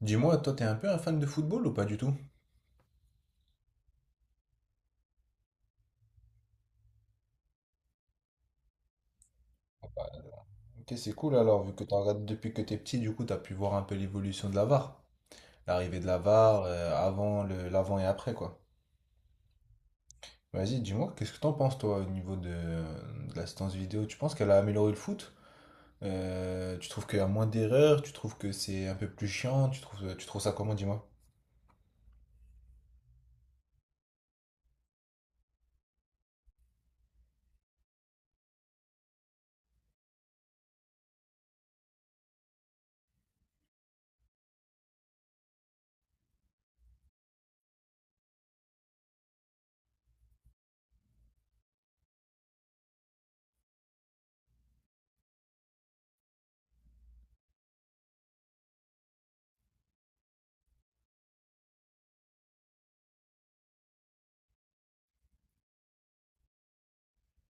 Dis-moi, toi, t'es un peu un fan de football ou pas du tout? Ok, c'est cool alors, vu que t'en regardes depuis que t'es petit, du coup, t'as pu voir un peu l'évolution de la VAR. L'arrivée de la VAR, avant l'avant et après, quoi. Vas-y, dis-moi, qu'est-ce que t'en penses, toi, au niveau de l'assistance vidéo? Tu penses qu'elle a amélioré le foot? Tu trouves qu'il y a moins d'erreurs? Tu trouves que c'est un peu plus chiant? Tu trouves ça comment, dis-moi?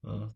Hmm.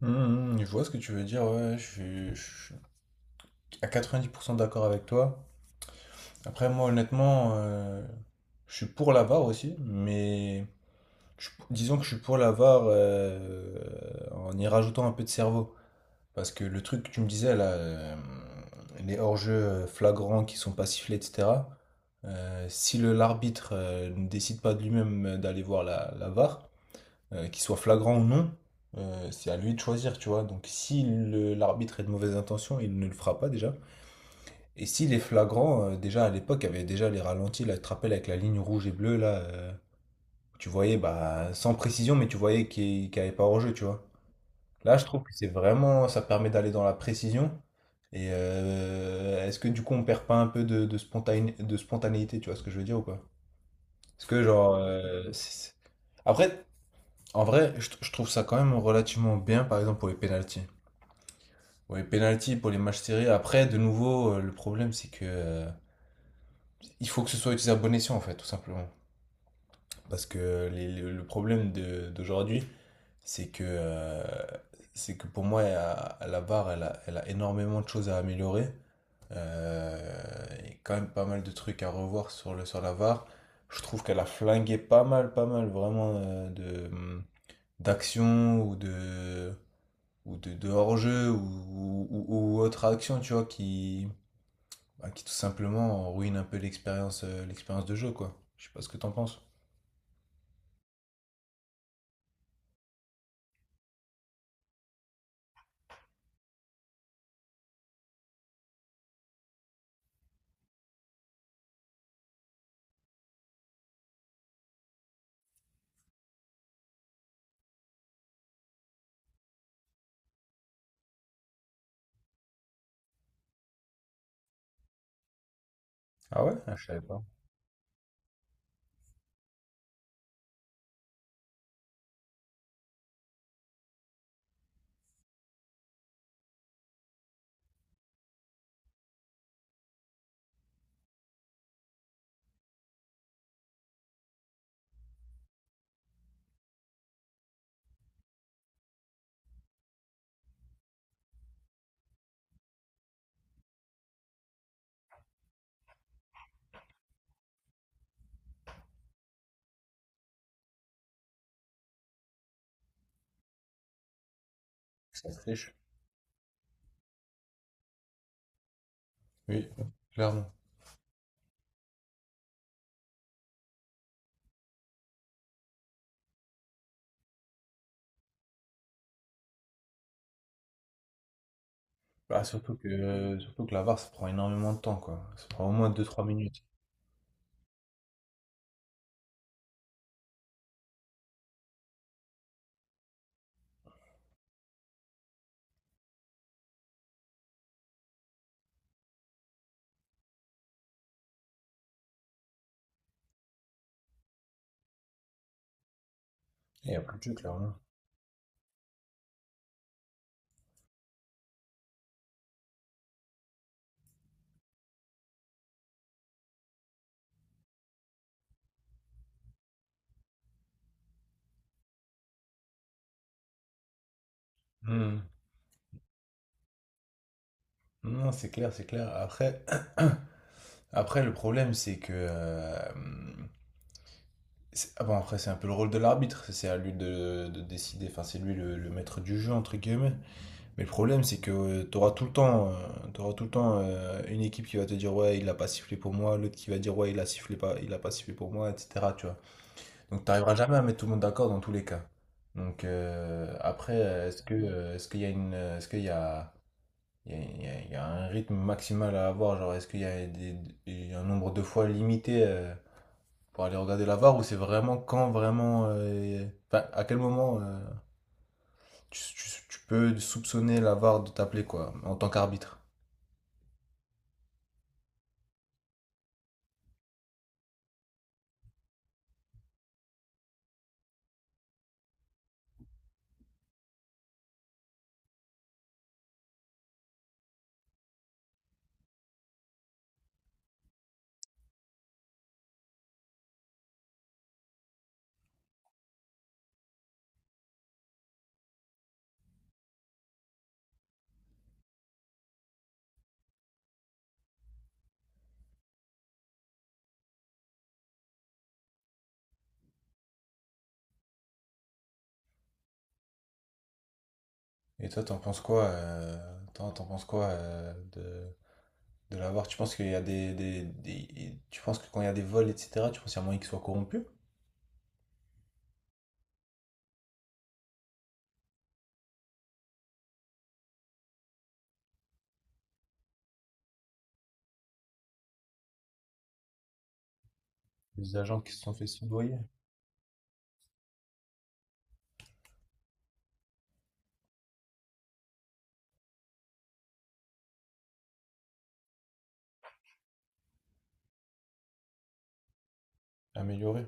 Mmh, mmh, je vois ce que tu veux dire, ouais, je suis à 90% d'accord avec toi. Après, moi, honnêtement, je suis pour la VAR aussi, mais je- disons que je suis pour la VAR, en y rajoutant un peu de cerveau. Parce que le truc que tu me disais, là, les hors-jeux, flagrants qui sont pas sifflés, etc., si l'arbitre, ne décide pas de lui-même d'aller voir la VAR, qu'il soit flagrant ou non, c'est à lui de choisir, tu vois. Donc si le- l'arbitre est de mauvaise intention, il ne le fera pas déjà. Et s'il est flagrant, déjà à l'époque, il y avait déjà les ralentis, là, tu te rappelles, avec la ligne rouge et bleue, là, où tu voyais, bah, sans précision, mais tu voyais qu'il n'y avait pas hors-jeu, tu vois. Là, je trouve que c'est vraiment, ça permet d'aller dans la précision. Et est-ce que du coup on perd pas un peu de spontané- de spontanéité, tu vois ce que je veux dire ou pas? Parce que genre c'est- après. En vrai, je, t- je trouve ça quand même relativement bien, par exemple, pour les pénaltys. Pour les pénaltys, pour les matchs serrés. Après, de nouveau, le problème, c'est que il faut que ce soit utilisé à bon escient, en fait, tout simplement. Parce que les- le problème de- d'aujourd'hui, c'est que, euh, c'est que pour moi, à la barre, elle a énormément de choses à améliorer. Euh, Il y a quand même pas mal de trucs à revoir sur sur la VAR. Je trouve qu'elle a flingué pas mal, vraiment, de, d'actions ou de, ou de hors-jeu ou- autre action, tu vois, qui, bah, qui tout simplement ruine un peu l'expérience, l'expérience de jeu, quoi. Je sais pas ce que t'en penses. Ah ouais? Ah, je savais pas. Ça se triche. Oui, clairement. Bah, surtout que la VAR, ça prend énormément de temps, quoi. Ça prend au moins deux trois minutes. Il n'y a plus de jeu, clairement. Hmm. Non, c'est clair. Après, après le problème, c'est que... c'est- ah bon, après, c'est un peu le rôle de l'arbitre. C'est à lui de décider. Enfin, c'est lui le maître du jeu, entre guillemets. Mais le problème, c'est que tu auras tout le temps, t'auras tout le temps une équipe qui va te dire ouais, il a pas sifflé pour moi, l'autre qui va dire ouais, il a sifflé pas, il a pas sifflé pour moi, etc. Tu vois. Donc tu n'arriveras jamais à mettre tout le monde d'accord dans tous les cas. Donc après, est-ce que est-ce qu'il y a une, est-ce qu'il y a, il y a, il y a- il y a un rythme maximal à avoir, genre est-ce qu'il y a des- il y a un nombre de fois limité pour aller regarder la VAR ou c'est vraiment quand vraiment, enfin à quel moment tu- tu peux soupçonner la VAR de t'appeler quoi, en tant qu'arbitre? Et toi, t'en penses quoi, t'en penses quoi de l'avoir? Tu penses qu'il y a des- tu penses que quand il y a des vols, etc., tu penses qu'il y a moyen qu'ils soient corrompus? Des agents qui se sont fait soudoyer, améliorer.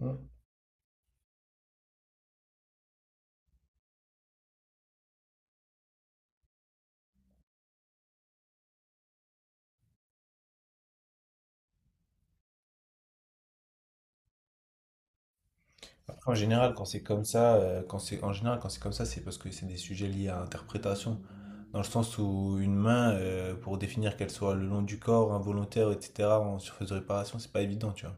Ouais. Après, en général, quand c'est comme ça, quand c'est comme ça, c'est parce que c'est des sujets liés à l'interprétation, dans le sens où une main, pour définir qu'elle soit le long du corps, involontaire, etc., en surface de réparation, c'est pas évident, tu vois.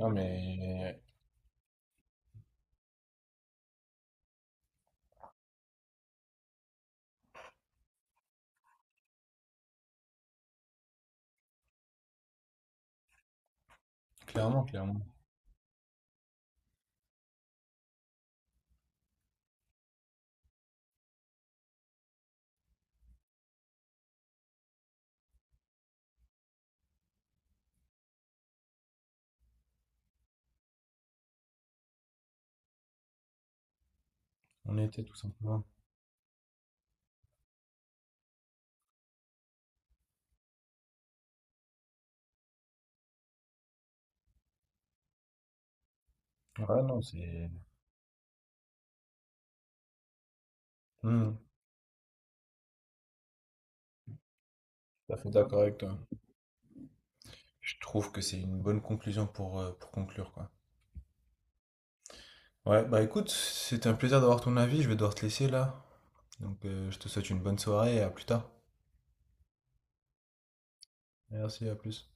Non, mais clairement. On était tout simplement. Ouais, non, c'est. Hmm, tout à fait d'accord avec toi. Je trouve que c'est une bonne conclusion pour conclure, quoi. Ouais, bah écoute, c'était un plaisir d'avoir ton avis. Je vais devoir te laisser là. Donc, je te souhaite une bonne soirée et à plus tard. Merci, à plus.